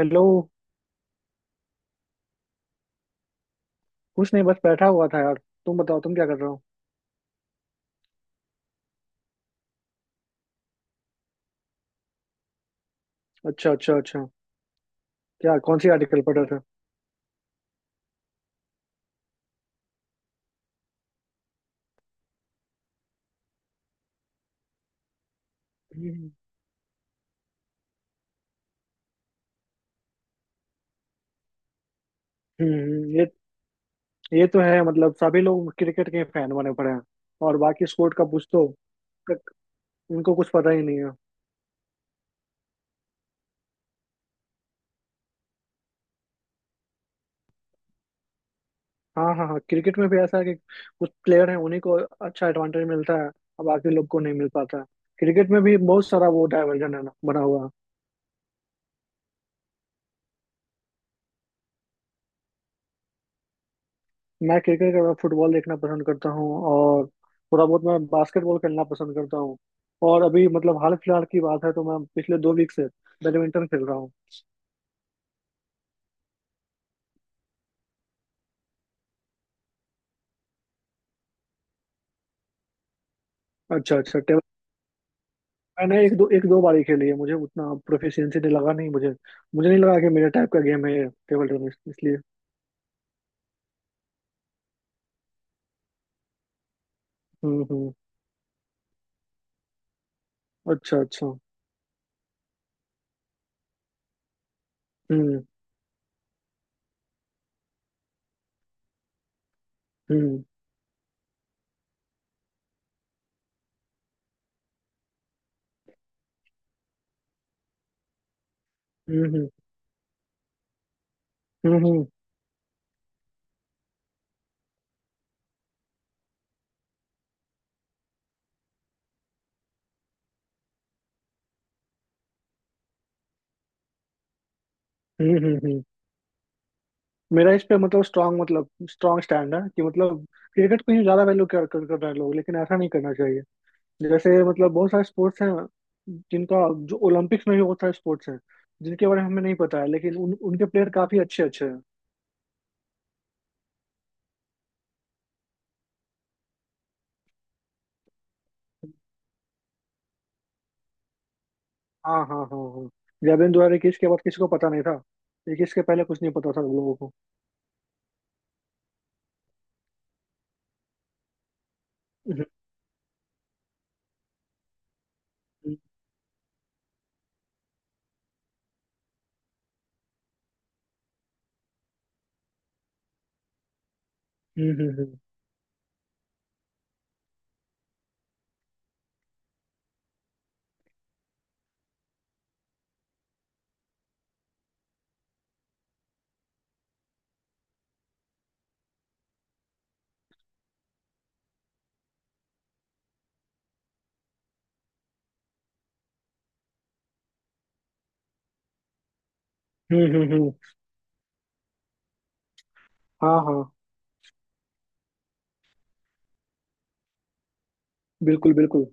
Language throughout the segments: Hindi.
हेलो। कुछ नहीं, बस बैठा हुआ था यार। तुम बताओ, तुम क्या कर रहे हो। अच्छा अच्छा अच्छा। क्या, कौन सी आर्टिकल पढ़ रहे थे? हम्म हम्म, ये ये तो है, मतलब सभी लोग क्रिकेट के फैन बने पड़े हैं। और बाकी स्पोर्ट का पूछ तो तक उनको कुछ पता ही नहीं है। हाँ हाँ हाँ। क्रिकेट में भी ऐसा है कि कुछ प्लेयर हैं उन्हीं को अच्छा एडवांटेज मिलता है। और बाकी लोग को नहीं मिल पाता। क्रिकेट में भी बहुत सारा वो डाइवर्जन है ना बना हुआ। मैं क्रिकेट के अलावा फुटबॉल देखना पसंद करता हूँ। और थोड़ा बहुत मैं बास्केटबॉल खेलना पसंद करता हूँ। और अभी मतलब हाल फिलहाल की बात है, तो मैं पिछले दो वीक से बैडमिंटन खेल रहा हूँ। अच्छा अच्छा। टेबल, मैंने एक दो बार ही खेली है। मुझे उतना प्रोफिशिएंसी नहीं लगा, नहीं। मुझे मुझे नहीं लगा कि मेरे टाइप का गेम है ये टेबल टेनिस, इसलिए। हम्म। अच्छा अच्छा। हम्म हम्म हम्म हम्म हम्म हम्म हम्म हम्म। हम्म, हम्म। मेरा इस पे मतलब स्ट्रांग स्टैंड है कि मतलब क्रिकेट को ही ज्यादा वैल्यू कर कर कर रहे हैं लोग, लेकिन ऐसा नहीं करना। जैसे मतलब बहुत सारे स्पोर्ट्स हैं जिनका जो ओलंपिक्स में भी बहुत सारे स्पोर्ट्स हैं जिनके बारे में हमें नहीं पता है, लेकिन उनके प्लेयर काफी अच्छे अच्छे हैं। हाँ हाँ हाँ हाँ। जैवलिन द्वारा इक्कीस के बाद किसी को पता नहीं था, इक्कीस के पहले कुछ नहीं पता था लोगों को। हम्म हम्म हम्म हम्म। हाँ हाँ। बिल्कुल बिल्कुल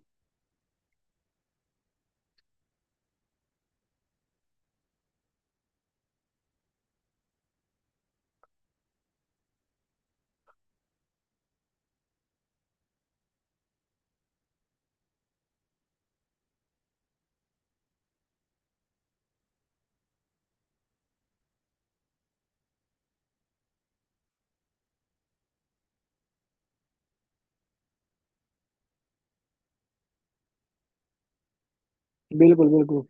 बिल्कुल बिल्कुल।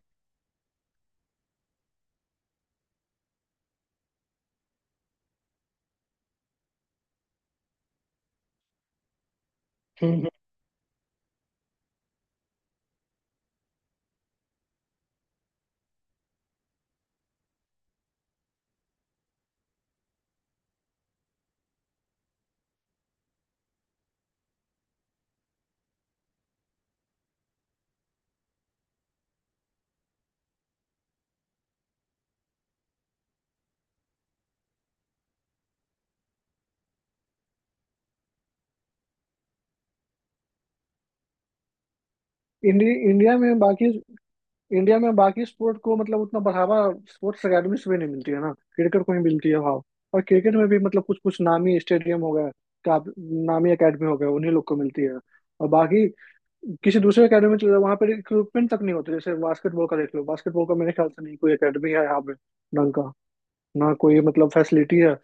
हम्म हम्म। इंडिया में बाकी इंडिया में बाकी स्पोर्ट को मतलब उतना बढ़ावा स्पोर्ट्स अकेडमीज में नहीं मिलती है ना, क्रिकेट को ही मिलती है भाव। और क्रिकेट में भी मतलब कुछ कुछ नामी स्टेडियम हो गए, का नामी एकेडमी हो गए, उन्हीं लोग को मिलती है। और बाकी, किसी दूसरे एकेडमी में चले जाओ वहाँ पर इक्विपमेंट तक नहीं होते। जैसे बास्केटबॉल का देख लो, बास्केटबॉल का मेरे ख्याल से नहीं कोई एकेडमी है यहाँ पे ढंग का, ना कोई मतलब फैसिलिटी है।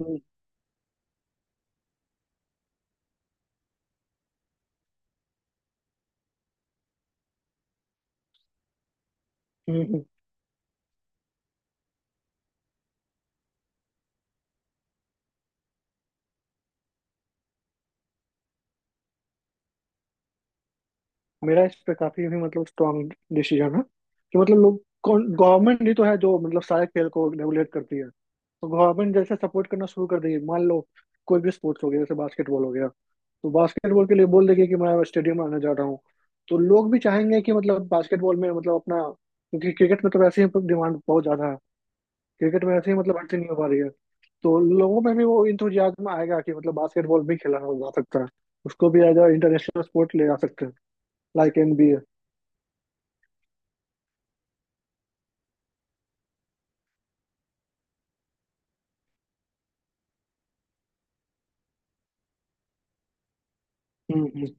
हम्म, हम्म, हम्म। मेरा इस पे काफी भी मतलब स्ट्रांग डिसीजन है कि मतलब लोग गवर्नमेंट ही तो है जो मतलब सारे खेल को रेगुलेट करती है, तो गवर्नमेंट जैसे सपोर्ट करना शुरू कर देगी। मान लो कोई भी स्पोर्ट्स हो गया, जैसे बास्केटबॉल हो गया, तो बास्केटबॉल के लिए बोल देगी कि मैं स्टेडियम आने जा रहा हूँ, तो लोग भी चाहेंगे कि मतलब बास्केटबॉल में मतलब अपना, क्योंकि क्रिकेट में तो वैसे ही डिमांड बहुत ज्यादा है। क्रिकेट में वैसे ही मतलब भर्ती नहीं हो पा रही है, तो लोगों में भी वो इंथुजियाज्म आएगा कि मतलब बास्केटबॉल भी खेला जा सकता है। उसको भी एज अ इंटरनेशनल स्पोर्ट ले जा सकते हैं, लाइक एनबीए। हुँ, हुँ।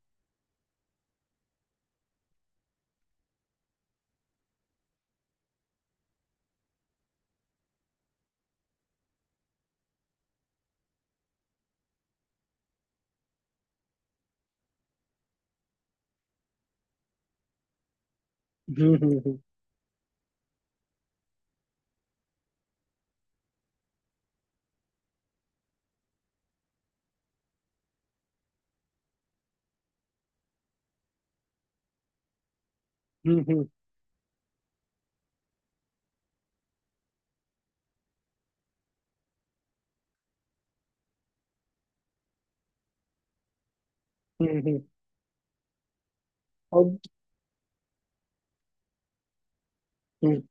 हुँ, हुँ, हुँ। हुँ, हुँ, हुँ, हुँ। और हुँ,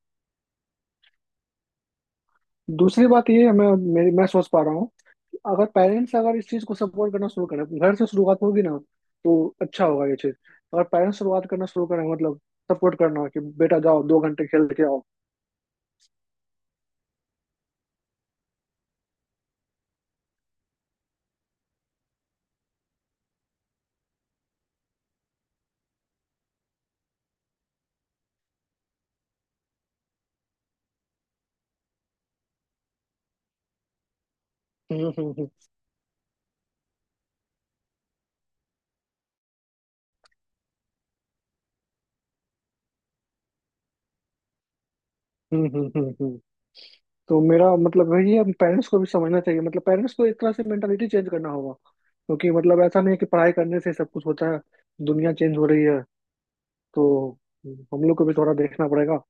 दूसरी बात ये है, मैं सोच पा रहा हूँ कि अगर पेरेंट्स अगर इस चीज़ को सपोर्ट करना शुरू करें, घर से शुरुआत होगी ना, तो अच्छा होगा ये चीज़। अगर पेरेंट्स शुरुआत करना शुरू करें मतलब सपोर्ट करना कि बेटा जाओ दो घंटे खेल के आओ। हम्म हम्म हम्म। तो मेरा मतलब वही है, पेरेंट्स को भी समझना चाहिए, मतलब पेरेंट्स को एक तरह से मेंटालिटी चेंज करना होगा क्योंकि मतलब ऐसा नहीं है कि पढ़ाई करने से सब कुछ होता है। दुनिया चेंज हो रही है, तो हम लोग को भी थोड़ा देखना पड़ेगा।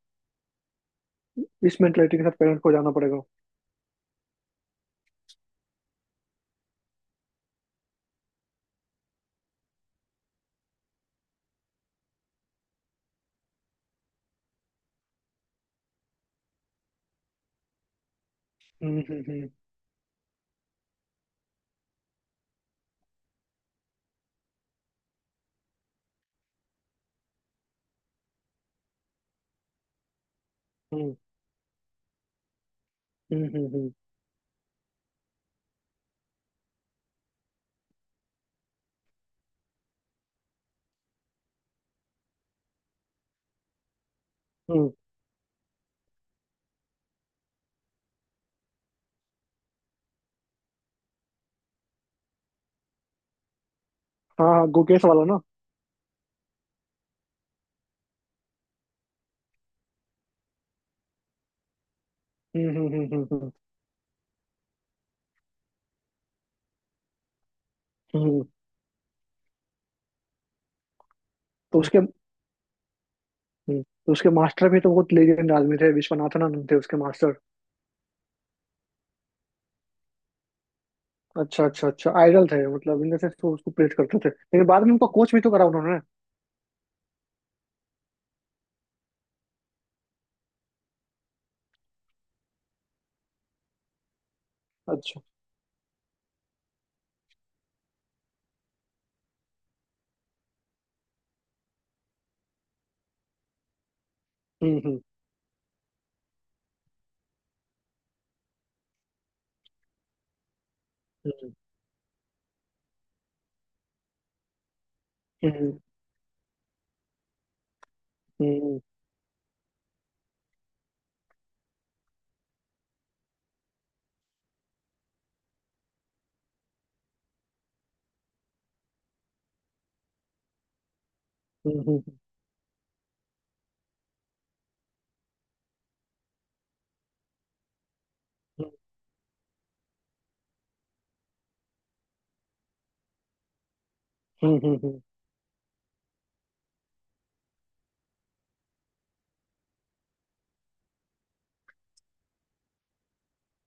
इस मेंटलिटी के साथ पेरेंट्स को जाना पड़ेगा। हम्म हम्म हम्म हम्म हम्म हम्म हम्म, हम्म। हाँ हाँ, गुकेश वाला ना? हम्म हम्म हम्म हम्म हम्म हम्म। तो उसके तो उसके मास्टर भी तो बहुत लेजेंड आदमी थे, विश्वनाथन आनंद थे उसके मास्टर। अच्छा अच्छा अच्छा, आइडल थे मतलब, इन से उसको प्रेज करते थे, लेकिन बाद में उनको कोच भी तो करा उन्होंने। अच्छा। हम्म हम्म हम्म हम्म हम्म हम्म हम्म हम्म हम्म हम्म हम्म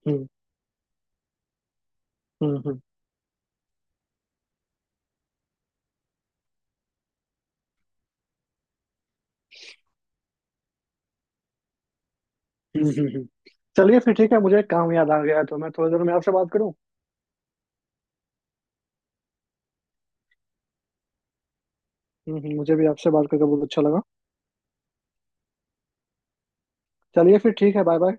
हम्म हम्म हम्म, हम्म, हम्म, हम्म, हम्म। चलिए फिर ठीक है, मुझे एक काम याद आ गया है, तो मैं थोड़ी देर में आपसे बात करूँ। मुझे भी आपसे बात करके बहुत अच्छा लगा। चलिए फिर ठीक है, बाय बाय।